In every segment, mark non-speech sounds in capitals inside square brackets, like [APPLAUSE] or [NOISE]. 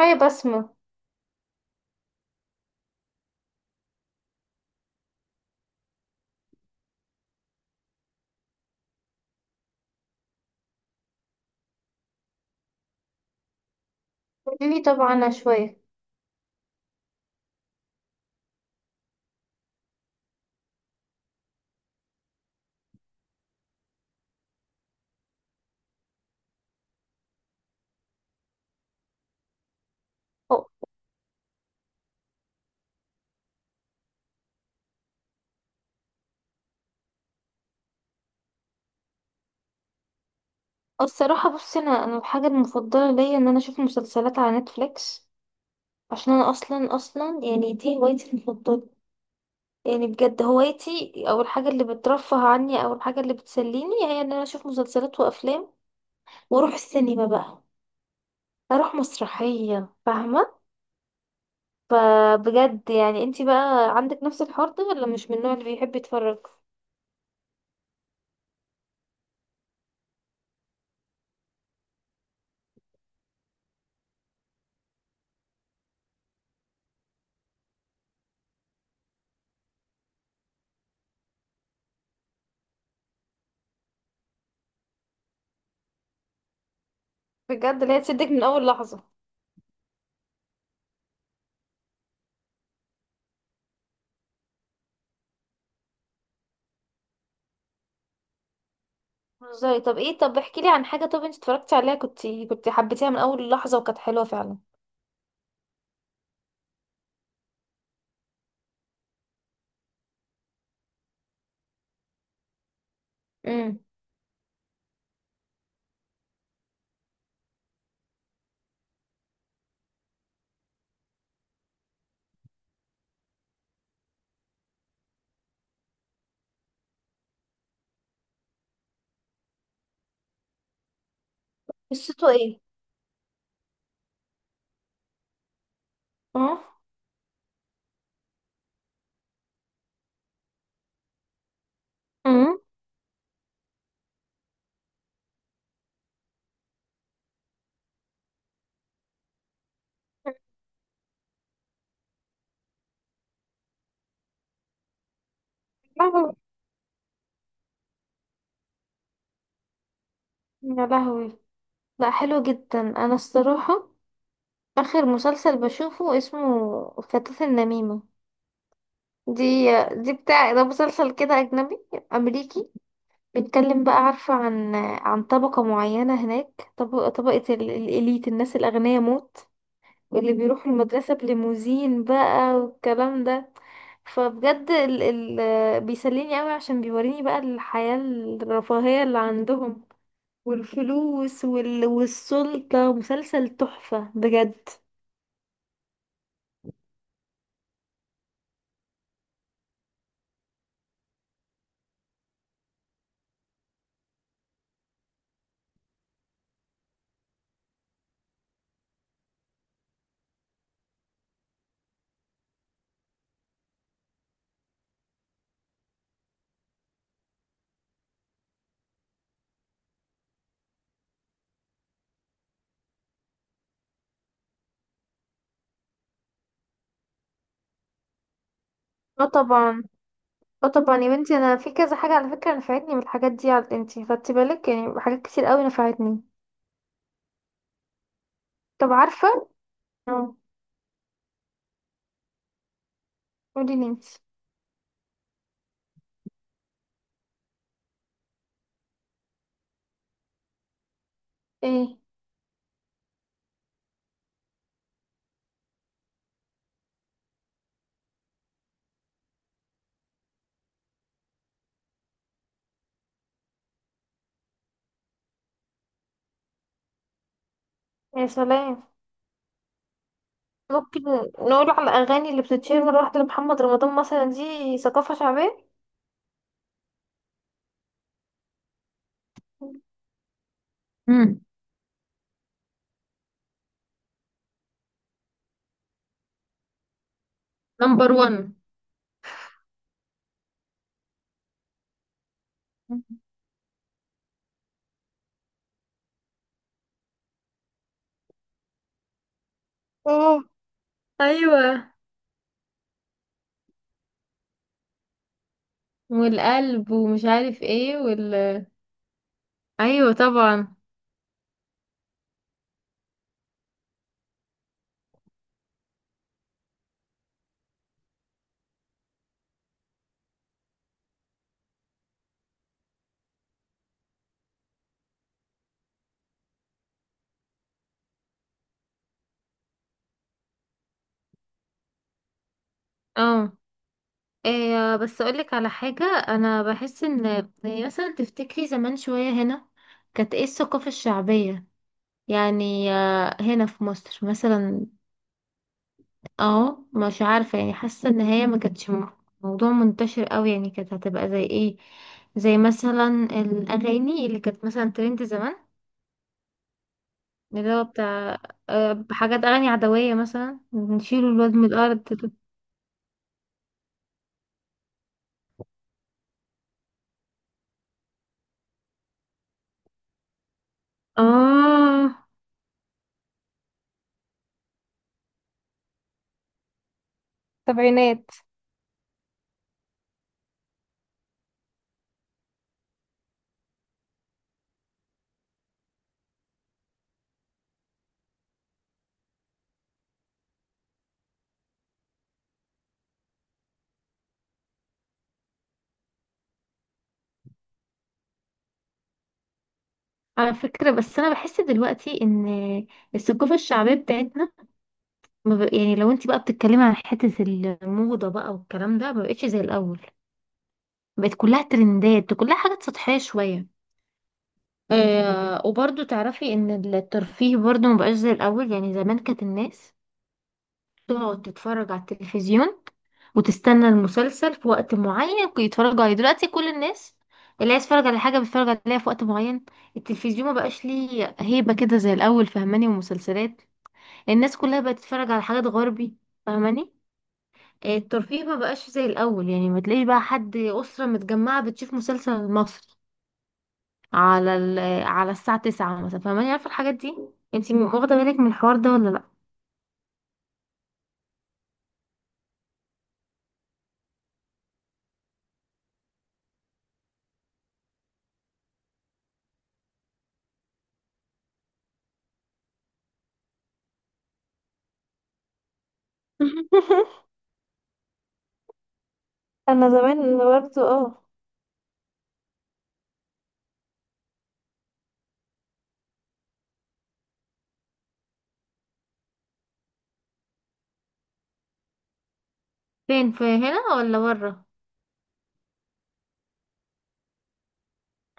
هاي بسمة. قوليلي طبعا عنها شوية. أو- الصراحة بصي، أنا الحاجة المفضلة ليا إن أنا أشوف مسلسلات على نتفليكس، عشان أنا أصلا يعني دي هوايتي المفضلة. يعني بجد هوايتي أو الحاجة اللي بترفه عني أو الحاجة اللي بتسليني هي إن أنا أشوف مسلسلات وأفلام وأروح السينما بقى، أروح مسرحية، فاهمة؟ فبجد يعني انتي بقى عندك نفس الحوار ده ولا مش من النوع اللي بيحب يتفرج؟ بجد اللي هي تشدك من أول لحظة. هزاري، طب ايه، طب احكي لي عن حاجة، طب انت اتفرجتي عليها كنت حبيتيها من اول لحظة وكانت حلوة فعلا. امم. قصته ايه؟ اه. امم. يا لهوي. يا لهوي. لا حلو جدا، انا الصراحة اخر مسلسل بشوفه اسمه فتاة النميمة. دي دي بتاع ده مسلسل كده اجنبي، امريكي، بيتكلم بقى، عارفة، عن عن طبقة معينة هناك، طبقة طبقة ال- الاليت، الناس الاغنياء موت، واللي بيروح المدرسة بليموزين بقى والكلام ده. فبجد ال بيسليني قوي عشان بيوريني بقى الحياة الرفاهية اللي عندهم، والفلوس وال والسلطة مسلسل تحفة بجد. اه طبعا. اه طبعا يا بنتي، انا في كذا حاجه على فكره نفعتني من الحاجات دي. على، انتي خدتي بالك، يعني حاجات كتير قوي نفعتني. طب، عارفه؟ اه. قولي لي انتي ايه. يا سلام. ممكن نقول على الاغاني اللي بتتشير مره واحده لمحمد رمضان مثلا، دي ثقافه شعبيه. اه. ايوه، والقلب ومش عارف ايه وال ايوه طبعا. اه. إيه بس اقولك على حاجه، انا بحس ان، يعني مثلا تفتكري زمان شويه هنا كانت ايه الثقافه الشعبيه؟ يعني هنا في مصر مثلا. اه، مش عارفه، يعني حاسه ان هي ما كانتش موضوع منتشر قوي. يعني كانت هتبقى زي ايه؟ زي مثلا الاغاني اللي كانت مثلا ترند زمان، اللي هو بتاع، حاجات أغاني عدوية مثلا، نشيله الواد من الأرض ده. آه. سبعينات. على فكرة بس أنا بحس دلوقتي إن الثقافة الشعبية بتاعتنا ما بق- يعني لو انت بقى بتتكلمي عن حتة الموضة بقى والكلام ده، ما بقتش زي الأول، بقت كلها ترندات، كلها حاجات سطحية شوية. آه، وبرضو تعرفي إن الترفيه برضو ما بقاش زي الأول. يعني زمان كانت الناس تقعد تتفرج على التلفزيون وتستنى المسلسل في وقت معين يتفرجوا عليه. دلوقتي كل الناس، اللي عايز يتفرج على حاجة بيتفرج عليها في وقت معين. التلفزيون ما بقاش ليه هيبة كده زي الأول، فهماني؟ ومسلسلات، الناس كلها بقت تتفرج على حاجات غربي، فهماني؟ الترفيه ما بقاش زي الأول. يعني ما تلاقيش بقى حد، أسرة متجمعة بتشوف مسلسل مصري على على الساعة تسعة مثلا، فهماني؟ عارفة الحاجات دي؟ انتي واخدة بالك من الحوار ده ولا لأ؟ [LAUGHS] انا زمان برضو، اه. فين، في هنا ولا بره؟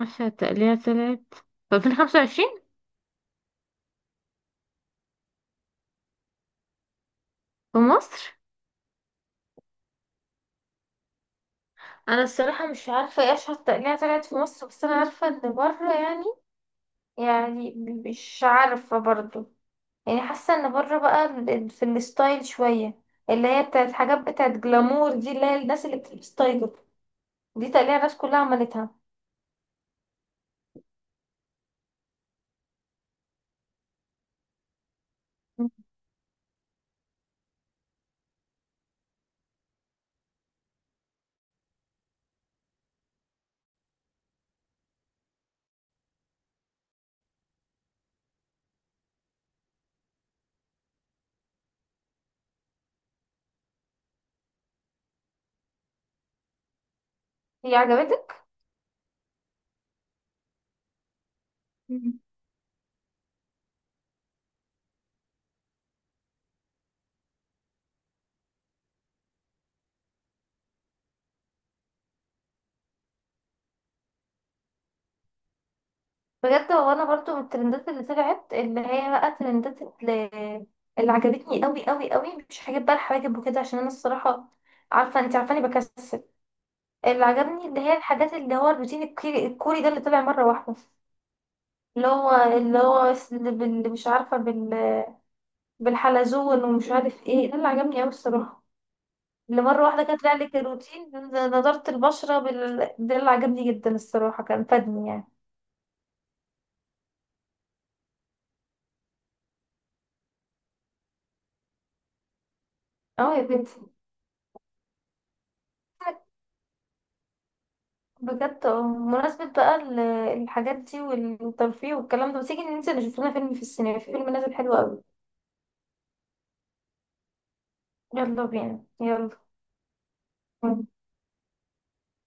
أشهر تقليع طلعت في 2025 في مصر؟ أنا الصراحة مش عارفة إيه أشهر تقليع طلعت في مصر. بس أنا عارفة إن بره، يعني، يعني مش عارفة برضو. يعني حاسة إن بره بقى ال- في الستايل شوية، اللي هي بتاعت حاجات بتاعت جلامور دي، اللي هي الناس اللي بتلبس تايجر، دي تقليع الناس كلها عملتها. هي عجبتك؟ بجد هو انا برضو من الترندات اللي طلعت، اللي هي بقى ترندات، اللي عجبتني قوي قوي قوي، مش حاجات بقى الحواجب وكده، عشان انا الصراحه، عارفه انت عارفاني بكسل. اللي عجبني، اللي هي الحاجات، اللي هو الروتين الكوري الكوري ده اللي طلع مره واحده، اللي هو، مش عارفه بال، بالحلزون ومش عارف ايه، ده اللي عجبني قوي الصراحه، اللي مره واحده كانت طلع لك الروتين نضاره البشره ده اللي عجبني جدا الصراحه، كان فادني يعني. اه يا بنتي بجد. اه، بمناسبة بقى الحاجات دي والترفيه والكلام ده، ما تيجي ننزل نشوف لنا فيلم في السينما، في فيلم نازل حلو قوي. يلا بينا، يلا.